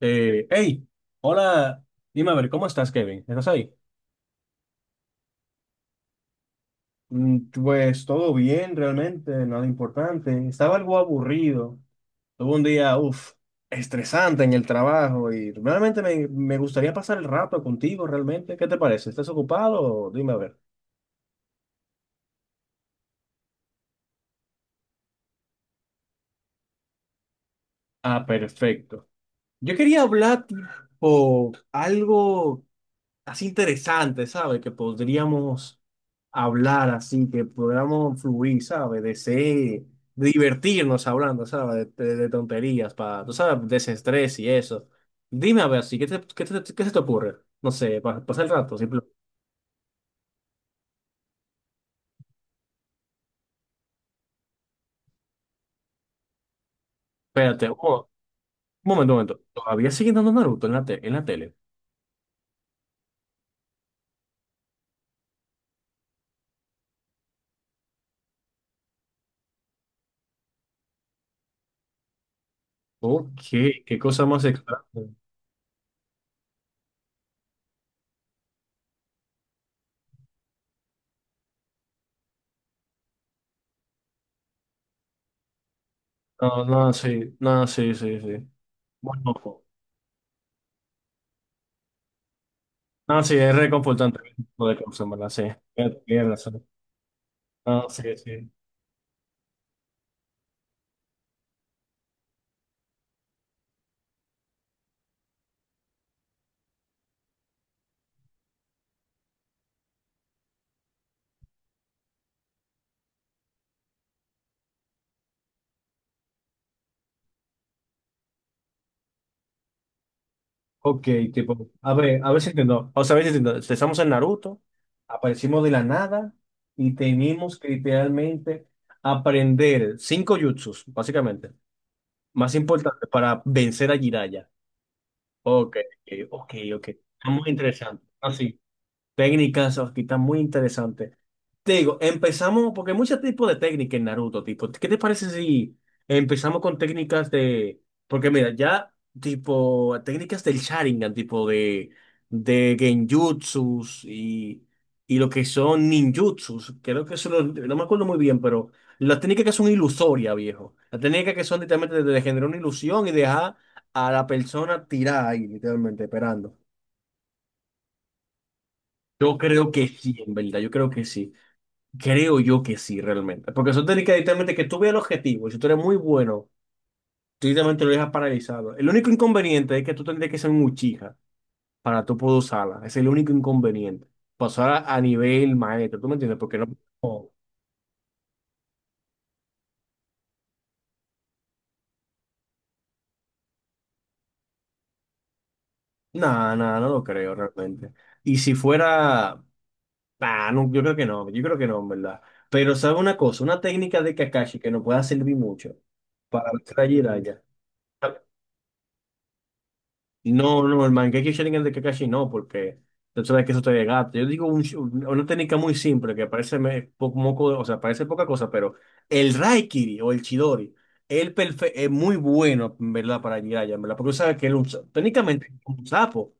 Hey, hola, dime a ver, ¿cómo estás, Kevin? ¿Estás ahí? Pues todo bien, realmente, nada importante. Estaba algo aburrido. Tuve un día, estresante en el trabajo y realmente me gustaría pasar el rato contigo, realmente. ¿Qué te parece? ¿Estás ocupado? Dime a ver. Ah, perfecto. Yo quería hablar tipo algo, así interesante, ¿sabes? Que podríamos hablar así, que podríamos fluir, ¿sabes? De divertirnos hablando, ¿sabes? De tonterías, para, tú sabes, desestrés y eso. Dime a ver, así, ¿Qué se te ocurre? No sé, para pasar el rato, simplemente. Espérate, un momento, un momento. ¿Todavía siguen dando Naruto en en la tele? Ok, qué cosa más extraña. No, no, sí, no, sí, sí, sí. Bueno, no, sí, es reconfortante. Lo de Clemson, ¿verdad? Sí, tienes razón. Ah, sí, sí. Ok, tipo, a ver si entiendo. O sea, a ver si entiendo. Empezamos en Naruto, aparecimos de la nada y tenemos que literalmente aprender cinco jutsus, básicamente, más importante para vencer a Jiraiya. Ok, ok, ok. Ok. Está muy interesante. Así, técnicas, aquí está muy interesante. Te digo, empezamos, porque hay muchos tipos de técnicas en Naruto, tipo, ¿qué te parece si empezamos con técnicas de, porque mira, ya, tipo, técnicas del Sharingan, tipo de, Genjutsus y lo que son ninjutsus, creo que no me acuerdo muy bien, pero las técnicas que son ilusorias, viejo, las técnicas que son literalmente de generar una ilusión y dejar a la persona tirada ahí, literalmente, esperando. Yo creo que sí, en verdad, yo creo que sí. Creo yo que sí, realmente. Porque eso te indica directamente que tú veas el objetivo. Y si tú eres muy bueno, tú directamente lo dejas paralizado. El único inconveniente es que tú tendrías que ser un Uchiha para tú poder usarla. Es el único inconveniente. Pasar a nivel maestro, ¿tú me entiendes? Porque no... No, nada, nada, no lo creo realmente. Y si fuera... Ah, no, yo creo que no, yo creo que no, en verdad. Pero sabe una cosa, una técnica de Kakashi que nos pueda servir mucho para vencer a Jiraiya. No, no, el Mangekyo Sharingan de Kakashi no, porque tú sabes que eso te desgasta. Yo digo un una técnica muy simple que parece moco, o sea, parece poca cosa, pero el Raikiri o el Chidori, es muy bueno, en verdad, para Jiraiya, en verdad, porque tú sabes que él es técnicamente es un sapo.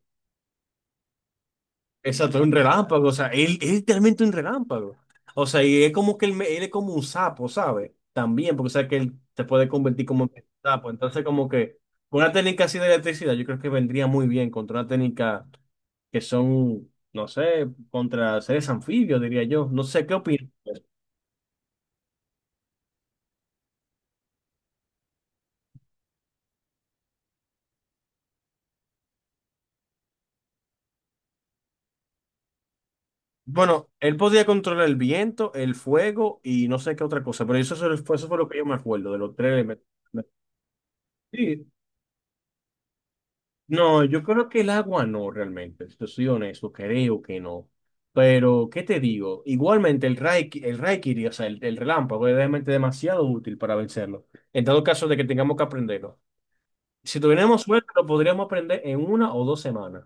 Exacto, es un relámpago, o sea, él es literalmente un relámpago. O sea, y es como que él es como un sapo, ¿sabes? También, porque sabe que él se puede convertir como en sapo. Entonces, como que una técnica así de electricidad, yo creo que vendría muy bien contra una técnica que son, no sé, contra seres anfibios, diría yo. No sé qué opinas. Bueno, él podía controlar el viento, el fuego y no sé qué otra cosa, pero eso, eso fue lo que yo me acuerdo de los tres elementos. Sí. No, yo creo que el agua no realmente, yo soy honesto, creo que no. Pero, ¿qué te digo? Igualmente el Raikiri, o sea, el relámpago es realmente demasiado útil para vencerlo. En dado caso de que tengamos que aprenderlo. Si tuviéramos suerte, lo podríamos aprender en una o dos semanas.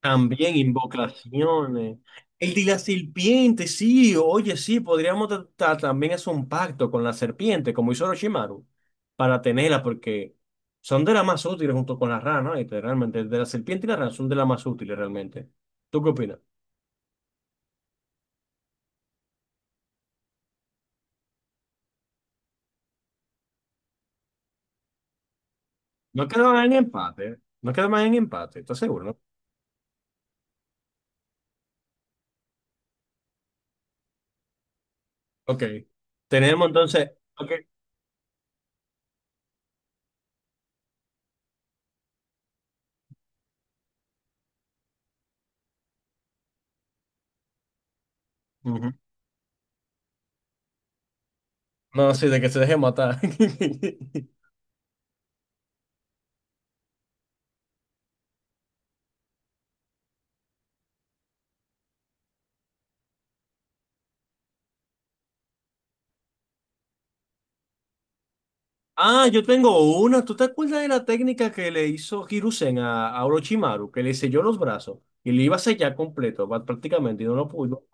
También invocaciones. El de la serpiente, sí, oye, sí, podríamos tratar también hacer un pacto con la serpiente, como hizo Orochimaru, para tenerla, porque son de las más útiles junto con la rana, ¿no? Realmente, de la serpiente y la rana son de las más útiles realmente. ¿Tú qué opinas? No quedaban en empate, ¿eh? No quedaban en empate, ¿estás seguro, no? Ok, tenemos entonces, ok, ujú. No, sí, de que se deje matar. Ah, yo tengo una. ¿Tú te acuerdas de la técnica que le hizo Hiruzen a Orochimaru? Que le selló los brazos y le iba a sellar completo, prácticamente, y no lo pudo.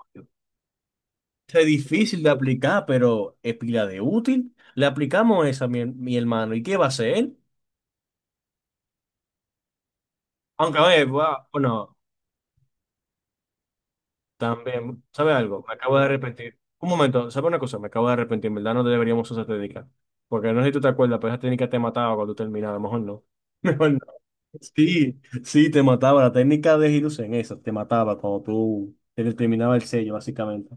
Es difícil de aplicar, pero es pila de útil. Le aplicamos esa, mi hermano. ¿Y qué va a hacer él? Aunque, a ver, bueno, también, ¿sabe algo? Me acabo de arrepentir. Un momento, ¿sabe una cosa? Me acabo de arrepentir, en verdad no deberíamos usar esa técnica. Porque no sé si tú te acuerdas, pero esa técnica te mataba cuando tú terminabas, mejor no. Mejor no. Sí, sí, te mataba. La técnica de Hiruzen, esa, te mataba cuando tú te terminaba el sello, básicamente.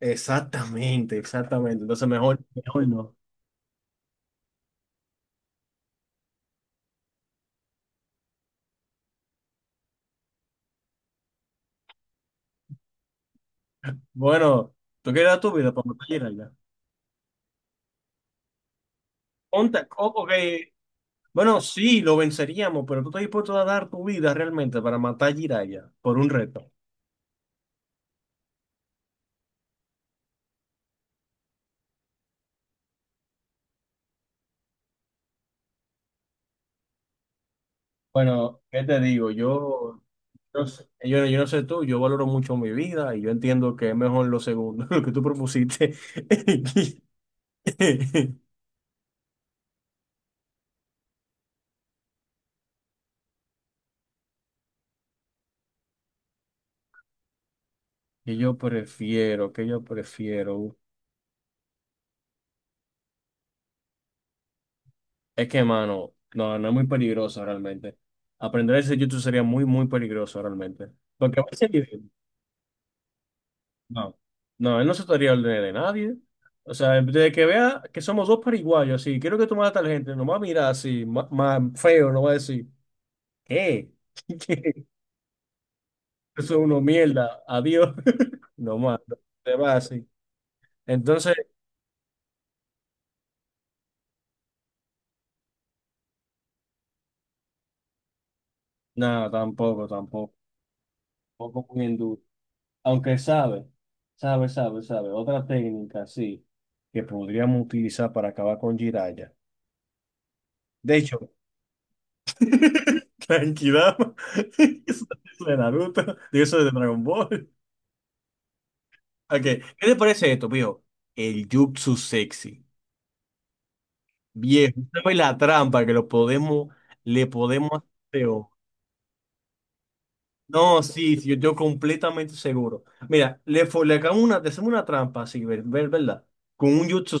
Exactamente, exactamente. Entonces mejor, mejor no. Bueno, tú quieres dar tu vida para matar a Jiraiya. Ok. Bueno, sí, lo venceríamos, pero tú estás dispuesto a dar tu vida realmente para matar a Jiraiya por un reto. Bueno, ¿qué te digo? Yo no sé tú, yo valoro mucho mi vida y yo entiendo que es mejor lo segundo, lo que tú propusiste. Y yo prefiero. Es que, mano, no, no es muy peligroso realmente. Aprender ese YouTube sería muy, muy peligroso realmente. Porque va a veces, no, no, él no se estaría al de nadie. O sea, desde que vea que somos dos paraguayos, así, quiero que tú mates a tal gente, no va a mirar así, más, más feo, no va a decir, ¿qué? Eso es uno mierda. Adiós. No más. No te va así. Entonces, nada, tampoco, tampoco. Tampoco muy enduro. Aunque sabe, sabe, sabe, sabe. Otra técnica, sí, que podríamos utilizar para acabar con Jiraiya. De hecho, Tranquilidad. Eso es de Naruto. Digo, eso es de Dragon Ball. Ok, ¿qué te parece esto, viejo? El jutsu sexy. Viejo, ¿sabes la trampa que lo podemos, le podemos hacer? No, sí, sí, yo completamente seguro. Mira, le hagamos una, le hacemos una trampa así, ¿verdad? Con un jutsu,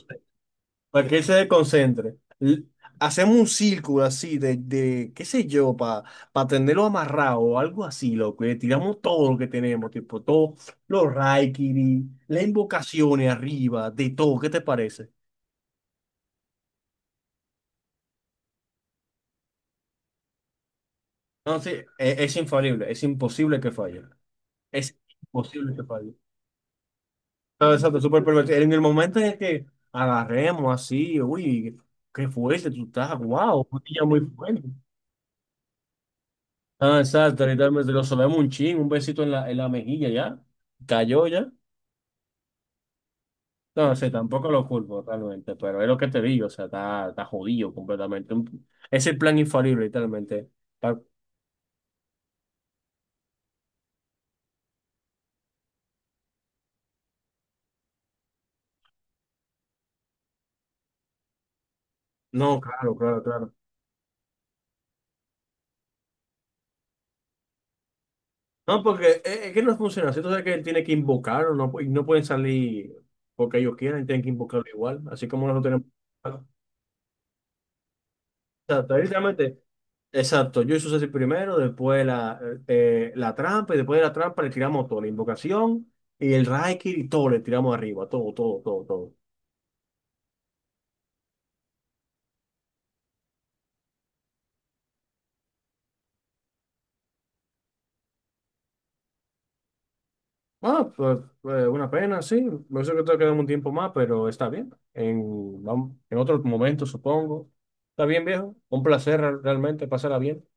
para que él se desconcentre. Hacemos un círculo así de qué sé yo, para tenerlo amarrado o algo así, loco. Y le tiramos todo lo que tenemos, tipo, todos los raikiri, las invocaciones arriba, de todo. ¿Qué te parece? Entonces, es, infalible, es imposible que falle. Es imposible que falle. No, exacto, súper pervertido. En el momento en el que agarremos así, uy, qué fuerte tú estás, wow, ya muy fuerte. Ah, exacto, literalmente lo solemos un chin, un besito en la mejilla ya, cayó ya. No sé, tampoco lo culpo realmente, pero es lo que te digo, o sea, está jodido completamente. Es el plan infalible, literalmente. Pa- No, claro, claro, claro. No, porque es que no funciona, si tú sabes que él tiene que invocarlo, no, no pueden salir porque ellos quieran, tienen que invocarlo igual, así como nosotros tenemos. Exacto, ahí literalmente, exacto, yo hice el primero, después la trampa, y después de la trampa le tiramos todo, la invocación y el Raikiri, y todo, le tiramos arriba, todo, todo, todo, todo. Ah, pues, una pena, sí, no sé que te quedamos un tiempo más, pero está bien, en, en otro momento supongo. Está bien, viejo, un placer realmente, pasará bien.